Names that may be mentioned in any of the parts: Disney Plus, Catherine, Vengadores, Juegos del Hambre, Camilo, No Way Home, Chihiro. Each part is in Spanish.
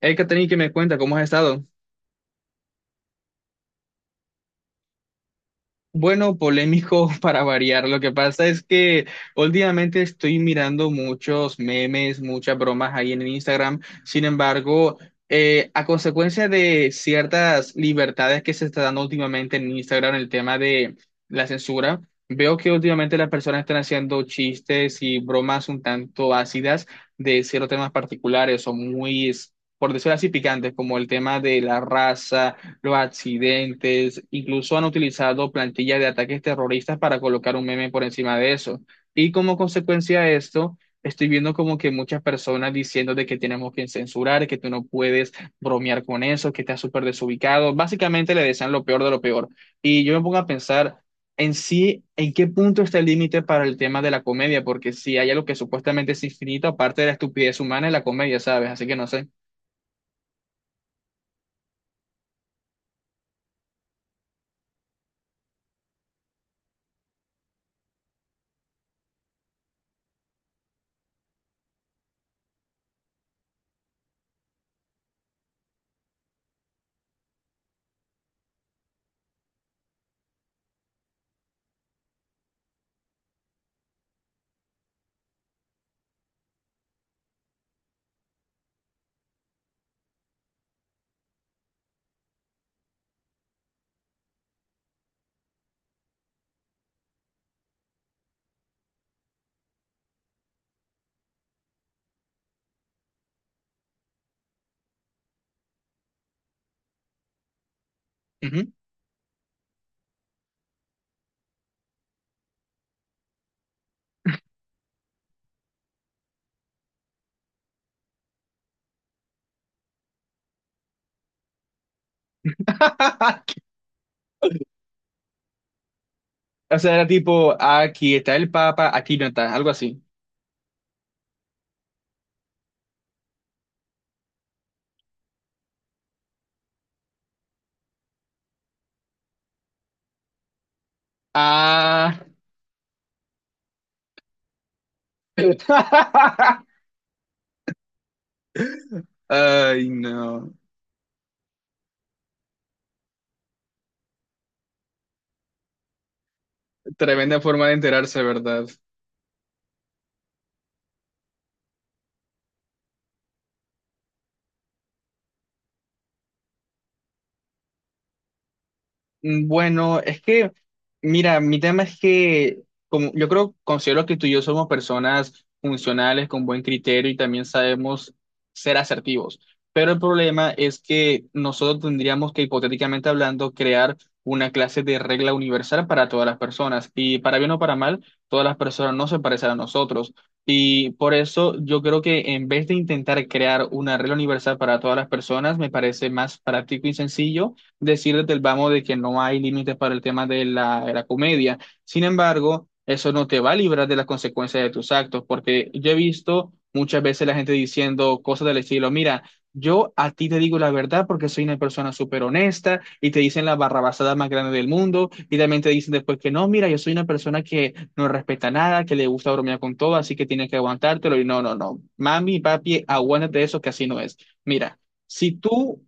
Hey, Catherine, ¿que me cuenta? ¿Cómo has estado? Bueno, polémico para variar. Lo que pasa es que últimamente estoy mirando muchos memes, muchas bromas ahí en Instagram. Sin embargo, a consecuencia de ciertas libertades que se está dando últimamente en Instagram, el tema de la censura, veo que últimamente las personas están haciendo chistes y bromas un tanto ácidas de ciertos temas particulares o muy, por decirlo así, picantes, como el tema de la raza, los accidentes, incluso han utilizado plantillas de ataques terroristas para colocar un meme por encima de eso. Y como consecuencia de esto, estoy viendo como que muchas personas diciendo de que tenemos que censurar, que tú no puedes bromear con eso, que estás súper desubicado. Básicamente le desean lo peor de lo peor. Y yo me pongo a pensar en sí, en qué punto está el límite para el tema de la comedia, porque si hay algo que supuestamente es infinito, aparte de la estupidez humana, es la comedia, ¿sabes? Así que no sé. Ujú. O sea, era tipo, aquí está el Papa, aquí no está, algo así. Ah. Ay, no. Tremenda forma de enterarse, ¿verdad? Mm, bueno, es que, mira, mi tema es que como, yo creo, considero que tú y yo somos personas funcionales, con buen criterio y también sabemos ser asertivos. Pero el problema es que nosotros tendríamos que, hipotéticamente hablando, crear una clase de regla universal para todas las personas. Y para bien o para mal, todas las personas no se parecen a nosotros. Y por eso yo creo que en vez de intentar crear una regla universal para todas las personas, me parece más práctico y sencillo decir desde el vamos de que no hay límites para el tema de la comedia. Sin embargo, eso no te va a librar de las consecuencias de tus actos, porque yo he visto muchas veces la gente diciendo cosas del estilo, mira, yo a ti te digo la verdad porque soy una persona súper honesta y te dicen la barrabasada más grande del mundo y también te dicen después que no, mira, yo soy una persona que no respeta nada, que le gusta bromear con todo, así que tienes que aguantártelo y no, no, no, mami, papi, aguántate eso que así no es. Mira, si tú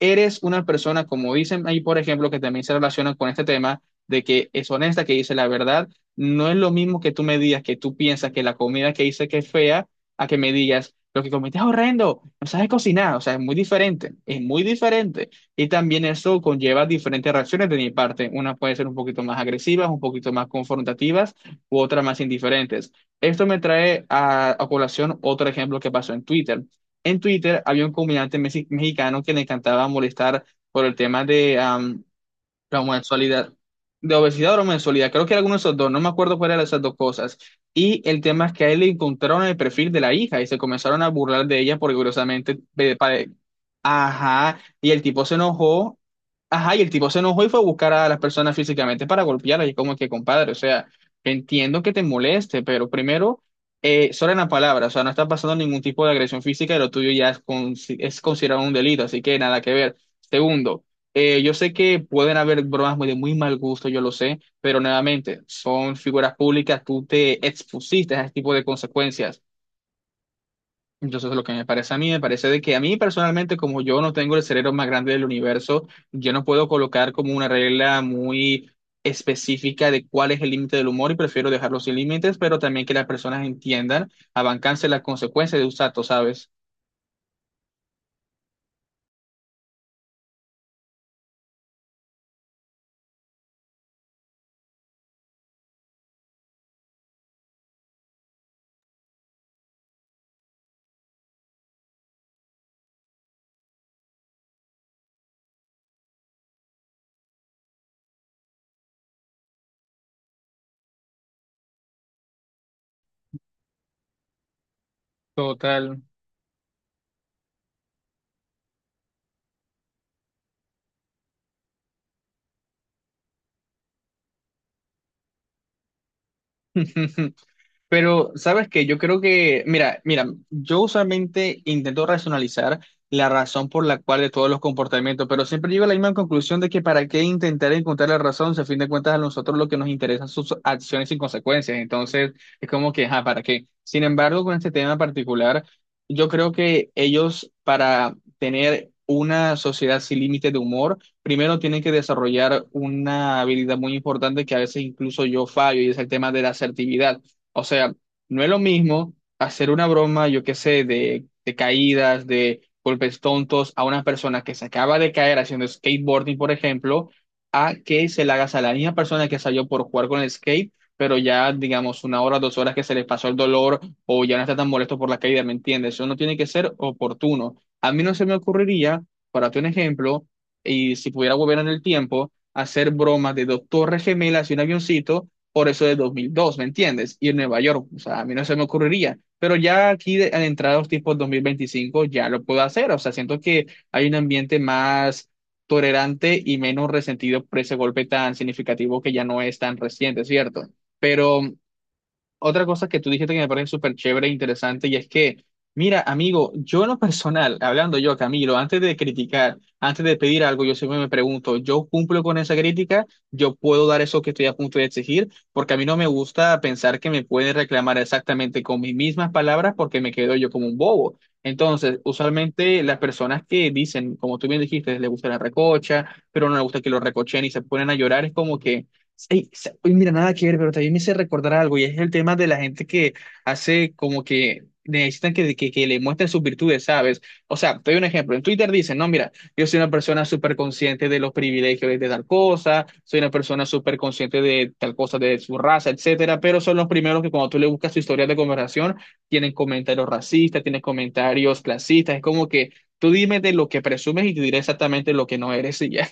eres una persona, como dicen ahí, por ejemplo, que también se relaciona con este tema de que es honesta, que dice la verdad, no es lo mismo que tú me digas que tú piensas que la comida que hice que es fea, a que me digas lo que comiste es horrendo, no sabes cocinar, o sea, es muy diferente, es muy diferente. Y también eso conlleva diferentes reacciones de mi parte, una puede ser un poquito más agresivas, un poquito más confrontativas, u otras más indiferentes. Esto me trae a colación otro ejemplo que pasó en Twitter. En Twitter había un comediante mexicano que le encantaba molestar por el tema de, la mensualidad. De obesidad o mensualidad. Creo que era alguno de esos dos. No me acuerdo cuál era de esas dos cosas. Y el tema es que a él le encontraron el perfil de la hija y se comenzaron a burlar de ella porque curiosamente, pare- Ajá. Y el tipo se enojó. Ajá. Y el tipo se enojó y fue a buscar a las personas físicamente para golpearla. Y como que, compadre, o sea, entiendo que te moleste, pero primero, solo en la palabra. O sea, no está pasando ningún tipo de agresión física y lo tuyo ya es, es considerado un delito. Así que nada que ver. Segundo. Yo sé que pueden haber bromas muy de muy mal gusto, yo lo sé, pero nuevamente, son figuras públicas, tú te expusiste a ese tipo de consecuencias. Entonces, lo que me parece a mí, me parece de que a mí personalmente, como yo no tengo el cerebro más grande del universo, yo no puedo colocar como una regla muy específica de cuál es el límite del humor y prefiero dejarlo sin límites, pero también que las personas entiendan, abancarse las consecuencias de sus actos, ¿sabes? Total. Pero, ¿sabes qué? Yo creo que, mira, mira, yo usualmente intento racionalizar la razón por la cual de todos los comportamientos, pero siempre llego a la misma conclusión de que para qué intentar encontrar la razón, si a fin de cuentas a nosotros lo que nos interesan son sus acciones y consecuencias, entonces es como que, ajá, ¿para qué? Sin embargo, con este tema en particular, yo creo que ellos para tener una sociedad sin límite de humor, primero tienen que desarrollar una habilidad muy importante que a veces incluso yo fallo y es el tema de la asertividad. O sea, no es lo mismo hacer una broma, yo qué sé, de caídas, de golpes tontos a una persona que se acaba de caer haciendo skateboarding, por ejemplo, a que se la hagas a la misma persona que salió por jugar con el skate, pero ya, digamos, una hora, dos horas que se le pasó el dolor o ya no está tan molesto por la caída, ¿me entiendes? Eso no tiene que ser oportuno. A mí no se me ocurriría, para tu ejemplo, y si pudiera volver en el tiempo, hacer bromas de dos torres gemelas y un avioncito por eso de 2002, ¿me entiendes? Y en Nueva York, o sea, a mí no se me ocurriría, pero ya aquí de, al entrar a los tipos 2025 ya lo puedo hacer, o sea, siento que hay un ambiente más tolerante y menos resentido por ese golpe tan significativo que ya no es tan reciente, ¿cierto? Pero otra cosa que tú dijiste que me parece súper chévere e interesante, y es que, mira, amigo, yo en lo personal, hablando yo, Camilo, antes de criticar, antes de pedir algo, yo siempre me pregunto, ¿yo cumplo con esa crítica? ¿Yo puedo dar eso que estoy a punto de exigir? Porque a mí no me gusta pensar que me pueden reclamar exactamente con mis mismas palabras porque me quedo yo como un bobo. Entonces, usualmente las personas que dicen, como tú bien dijiste, les gusta la recocha, pero no les gusta que lo recochen y se ponen a llorar, es como que... Ey, uy, mira, nada que ver, pero también me hice recordar algo y es el tema de la gente que hace como que necesitan que le muestren sus virtudes, ¿sabes? O sea, te doy un ejemplo. En Twitter dicen, no, mira, yo soy una persona súper consciente de los privilegios de tal cosa, soy una persona súper consciente de tal cosa, de su raza, etcétera, pero son los primeros que cuando tú le buscas su historia de conversación, tienen comentarios racistas, tienen comentarios clasistas, es como que tú dime de lo que presumes y te diré exactamente lo que no eres y ya.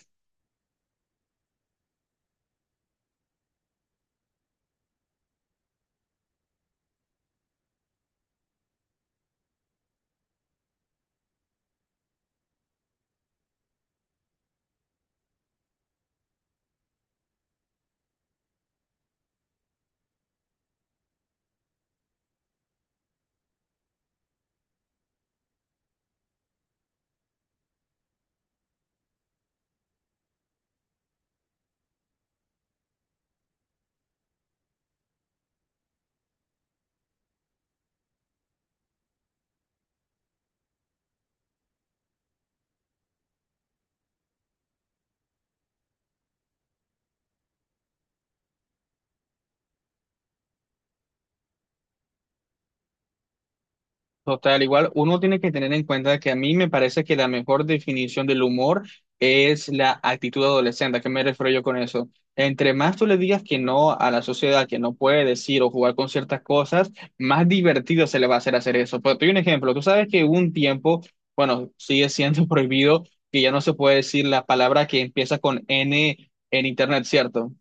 Total, igual uno tiene que tener en cuenta que a mí me parece que la mejor definición del humor es la actitud adolescente. ¿A qué me refiero yo con eso? Entre más tú le digas que no a la sociedad, que no puede decir o jugar con ciertas cosas, más divertido se le va a hacer hacer eso. Pero te doy un ejemplo. Tú sabes que hubo un tiempo, bueno, sigue siendo prohibido que ya no se puede decir la palabra que empieza con N en Internet, ¿cierto?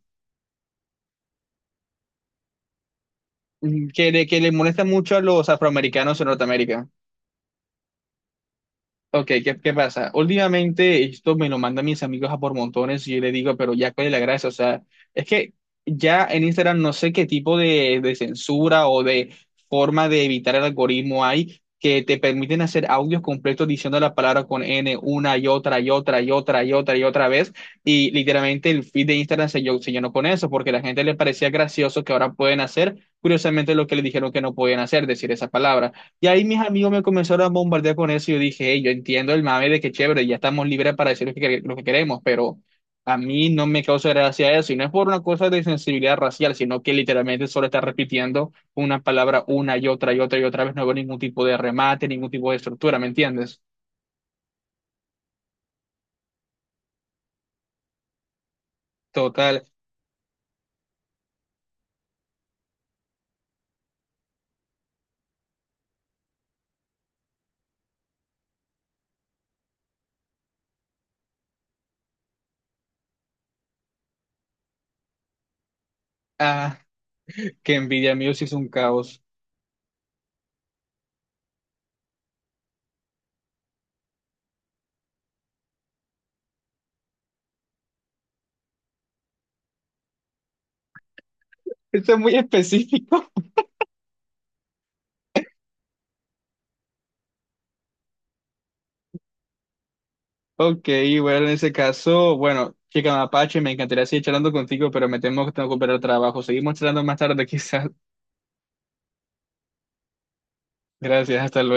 Mm, que le molesta mucho a los afroamericanos en Norteamérica. Ok, qué pasa? Últimamente esto me lo mandan mis amigos a por montones y yo le digo, pero ya cuál es la gracia, o sea, es que ya en Instagram no sé qué tipo de censura o de forma de evitar el algoritmo hay que te permiten hacer audios completos diciendo la palabra con N una y otra y otra y otra y otra y otra vez y literalmente el feed de Instagram se, se llenó con eso porque a la gente le parecía gracioso que ahora pueden hacer curiosamente lo que le dijeron que no podían hacer, decir esa palabra. Y ahí mis amigos me comenzaron a bombardear con eso y yo dije, "Hey, yo entiendo el mame de que chévere, ya estamos libres para decir lo que, lo que queremos, pero a mí no me causa gracia eso. Y no es por una cosa de sensibilidad racial, sino que literalmente solo está repitiendo una palabra una y otra y otra y otra vez. No veo ningún tipo de remate, ningún tipo de estructura, ¿me entiendes? Total. Ah, qué envidia, amigos, si es un caos. Esto es muy específico. Ok, bueno, en ese caso, bueno, chica Mapache, me encantaría seguir charlando contigo, pero me temo que tengo que operar trabajo. Seguimos charlando más tarde, quizás. Gracias, hasta luego.